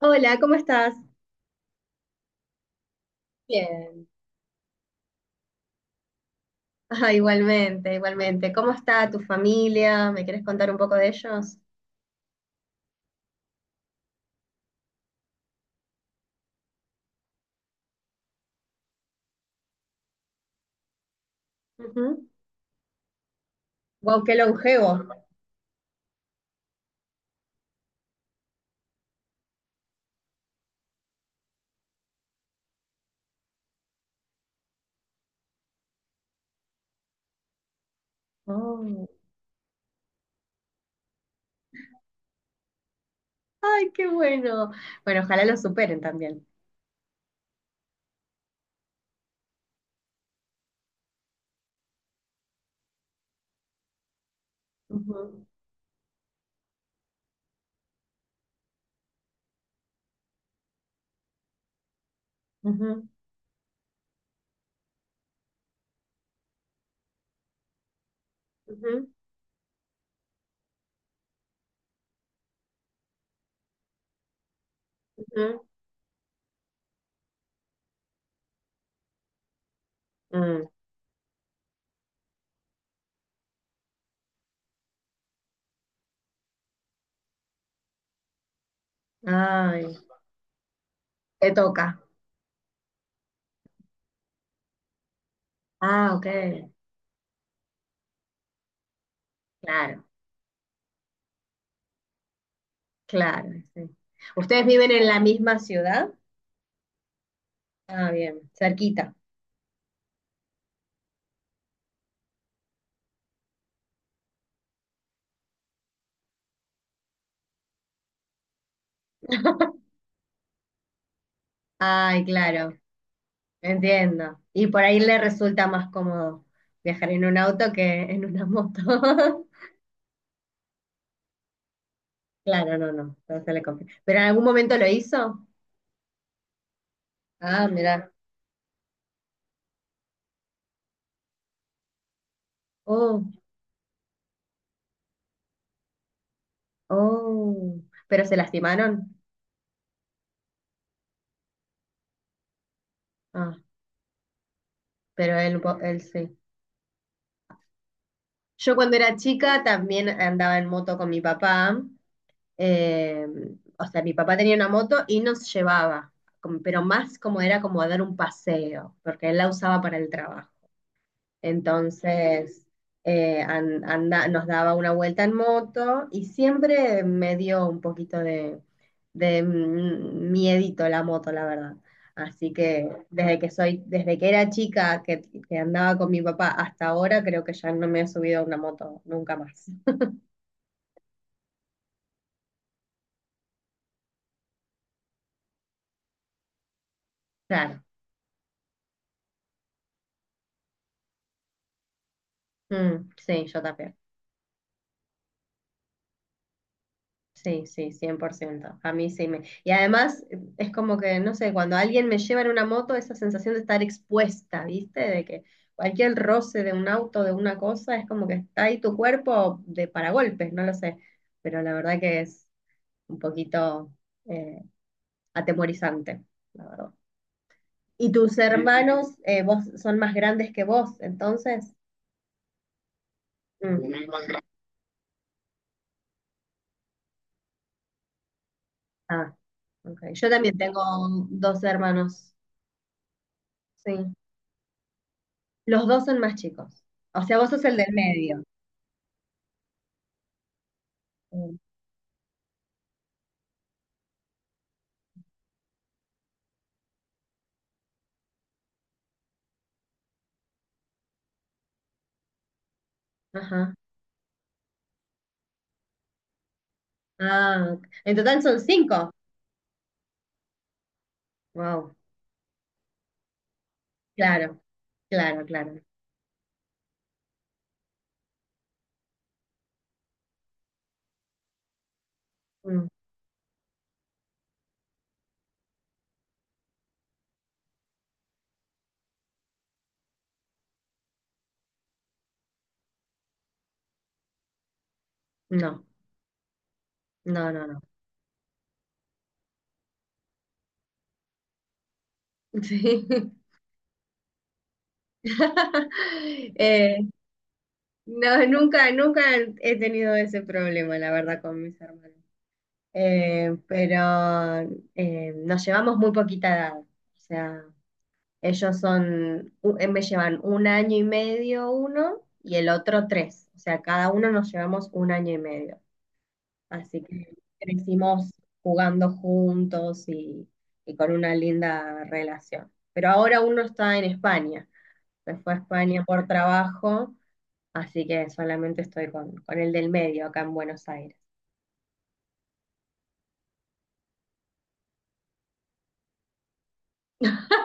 Hola, ¿cómo estás? Bien. Ah, igualmente, igualmente. ¿Cómo está tu familia? ¿Me quieres contar un poco de ellos? Ujú. Guau, qué longevo. Oh. Ay, qué bueno. Bueno, ojalá lo superen también. Ujú, ujú, ujú, ujú. Mm. Ay, te toca. Ah, ok. Claro, claro, sí. ¿Ustedes viven en la misma ciudad? Ah, bien, cerquita. Ay, claro. Entiendo. Y por ahí le resulta más cómodo viajar en un auto que en una moto. Claro, no, no, no se le confía. ¿Pero en algún momento lo hizo? Ah, mirá. Oh, oh. ¿Pero se lastimaron? Ah, pero él, él sí. Yo cuando era chica también andaba en moto con mi papá. eh, o sea, mi papá tenía una moto y nos llevaba, pero más como era como a dar un paseo, porque él la usaba para el trabajo. Entonces, nos daba una vuelta en moto y siempre me dio un poquito de miedito la moto, la verdad. Así que desde que era chica que andaba con mi papá hasta ahora, creo que ya no me he subido a una moto nunca más. Claro. Mm, sí, yo también. Sí, sí, 100%. A mí sí me... Y además es como que, no sé, cuando alguien me lleva en una moto, esa sensación de estar expuesta, ¿viste? De que cualquier roce de un auto, de una cosa, es como que está ahí tu cuerpo de paragolpes, no lo sé. Pero la verdad que es un poquito eh, atemorizante, la verdad. ¿Y tus Sí, hermanos, vos son más grandes que vos, entonces? Mm. Ah, ok. Yo también tengo dos hermanos, sí. Los dos son más chicos. O sea, vos sos el del medio. Mm. Ajá. Ah, en total son cinco. Wow. Claro, claro, claro. Mm, no, no, no, no. Sí. Eh, no, nunca, nunca he tenido ese problema, la verdad, con mis hermanos. Pero nos llevamos muy poquita edad. O sea, ellos son, me llevan un año y medio uno y el otro tres. O sea, cada uno nos llevamos un año y medio. Así que crecimos jugando juntos y con una linda relación. Pero ahora uno está en España. Se fue a España por trabajo, así que solamente estoy con el del medio acá en Buenos Aires.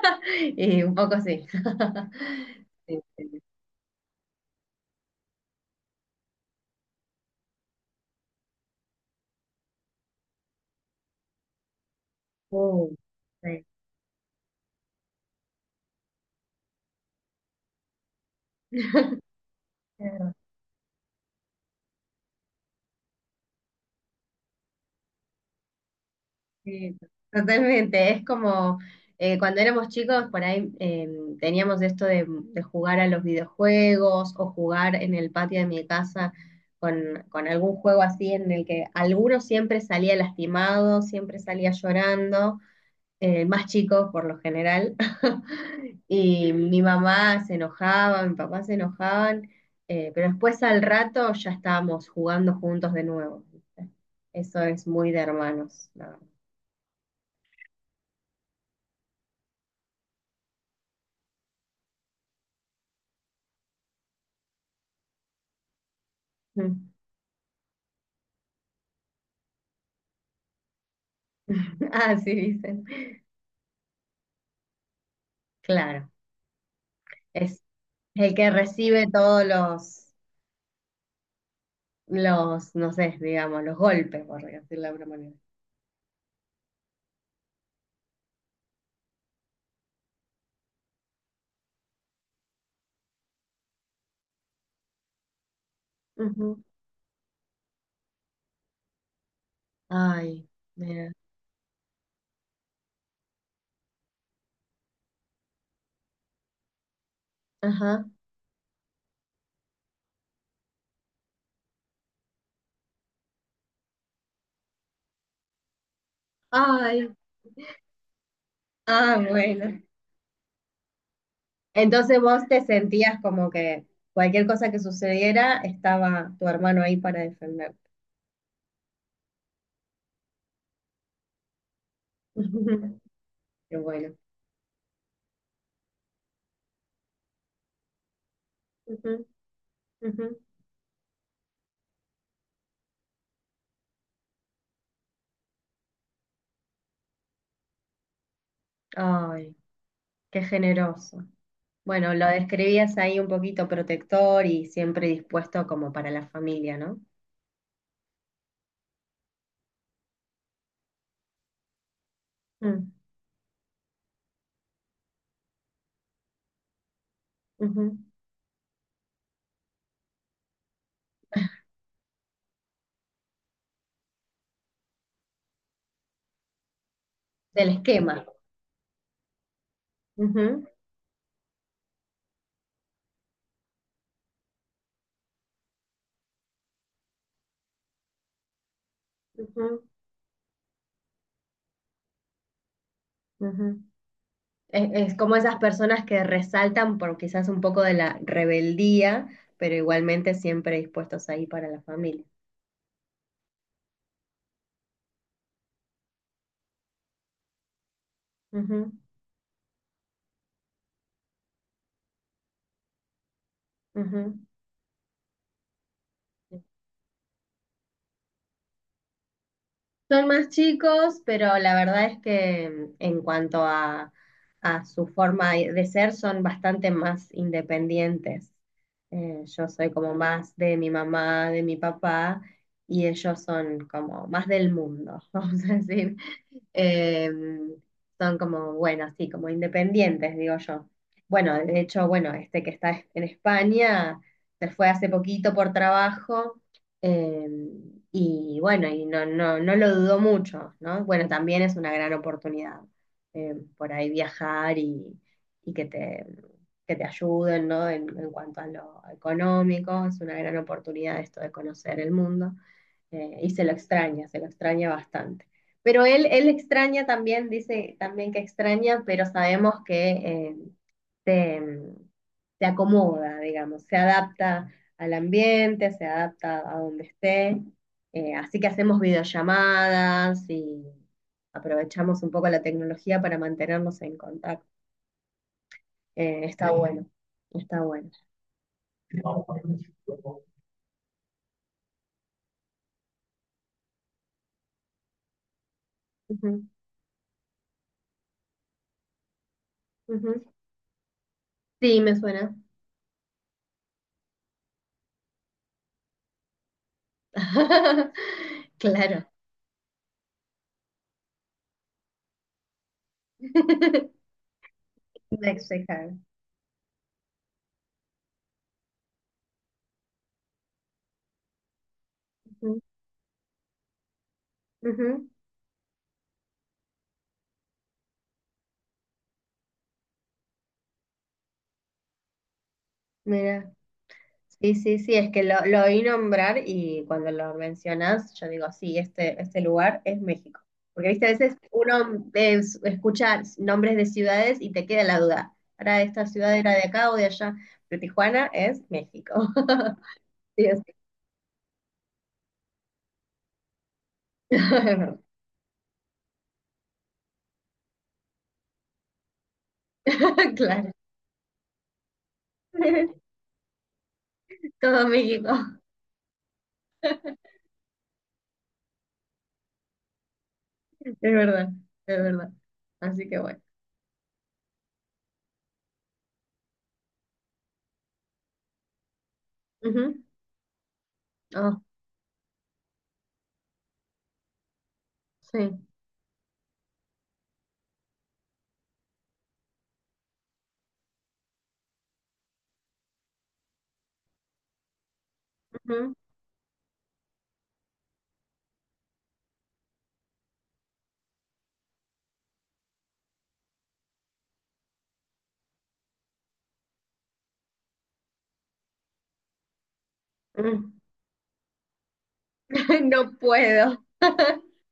Y un poco sí. Sí, sí. Uh, sí. Sí, totalmente. Es como cuando éramos chicos, por ahí teníamos esto de jugar a los videojuegos o jugar en el patio de mi casa con algún juego así en el que alguno siempre salía lastimado, siempre salía llorando, más chicos por lo general. Y mi mamá se enojaba, mi papá se enojaban, pero después al rato ya estábamos jugando juntos de nuevo. ¿Viste? Eso es muy de hermanos, la verdad. Mm. Así dicen. Claro, es el que recibe todos los, no sé, digamos, los golpes, por decirlo de alguna manera. Ujú. Ay, mira. Ajá. Ay. Ah, bueno. Entonces vos te sentías como que cualquier cosa que sucediera, estaba tu hermano ahí para defenderte. Ujú. Qué bueno. Ujú, ujú. Ay, qué generoso. Bueno, lo describías ahí un poquito protector y siempre dispuesto como para la familia, ¿no? Mm, ujú. Del esquema. Ujú, ujú, ujú. Es como esas personas que resaltan por quizás un poco de la rebeldía, pero igualmente siempre dispuestos ahí para la familia. Ujú, ujú. Son más chicos, pero la verdad es que en cuanto a su forma de ser, son bastante más independientes. Yo soy como más de mi mamá, de mi papá, y ellos son como más del mundo, vamos a decir. Eh, Son como, bueno, sí, como independientes, digo yo. Bueno, de hecho, bueno, este que está en España se fue hace poquito por trabajo eh, y bueno, y no, no, no lo dudó mucho, ¿no? Bueno, también es una gran oportunidad por ahí viajar y que te ayuden, ¿no? En cuanto a lo económico, es una gran oportunidad esto de conocer el mundo y se lo extraña bastante. Pero él extraña también, dice también que extraña, pero sabemos que se, se acomoda, digamos, se adapta al ambiente, se adapta a donde esté. Así que hacemos videollamadas y aprovechamos un poco la tecnología para mantenernos en contacto. Está bueno, está bueno. Ujú, ujú. Sí, me suena. Claro. Mexicano. Ujú, ujú. Mira, sí, sí, sí, es que lo oí nombrar y cuando lo mencionas, yo digo, sí, este lugar es México. Porque, viste, a veces uno escucha nombres de ciudades y te queda la duda. ¿Para esta ciudad era de acá o de allá? Pero Tijuana es México. Sí, o sí. Claro. Todo México. Es verdad, es verdad. Así que bueno. Ujú. Oh, sí. Ujú. No puedo.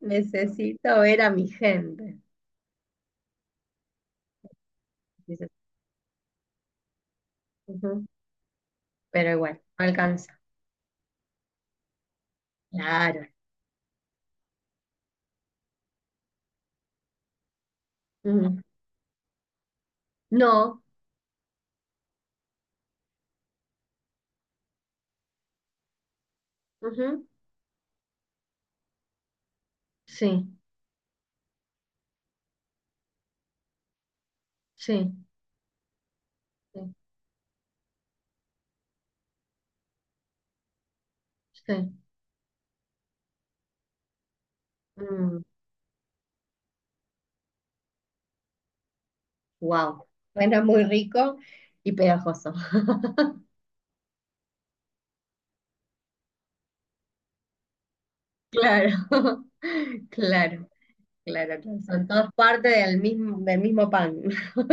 Necesito ver a mi gente. Dices, ujú. Pero igual, no alcanza. Claro. Ujú. No. Ujú, sí, sí, sí, sí. Wow. Suena muy rico y pegajoso. Claro, claro, claro, claro. Son todos parte del mismo pan.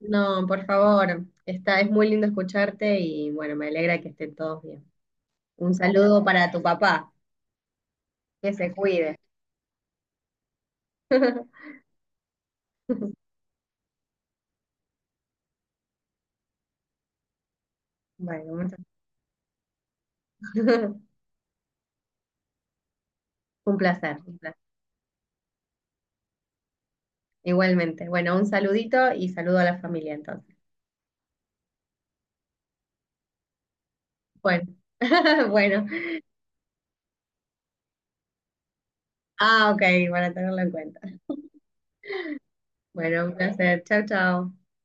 No, por favor. Está, es muy lindo escucharte y bueno, me alegra que estén todos bien. Un saludo para tu papá. Que se cuide. Bueno, muchas- un placer, un placer. Igualmente. Bueno, un saludito y saludo a la familia entonces. Bueno, bueno. Ah, ok, para tenerlo en cuenta. Bueno, un placer. Chao, chao.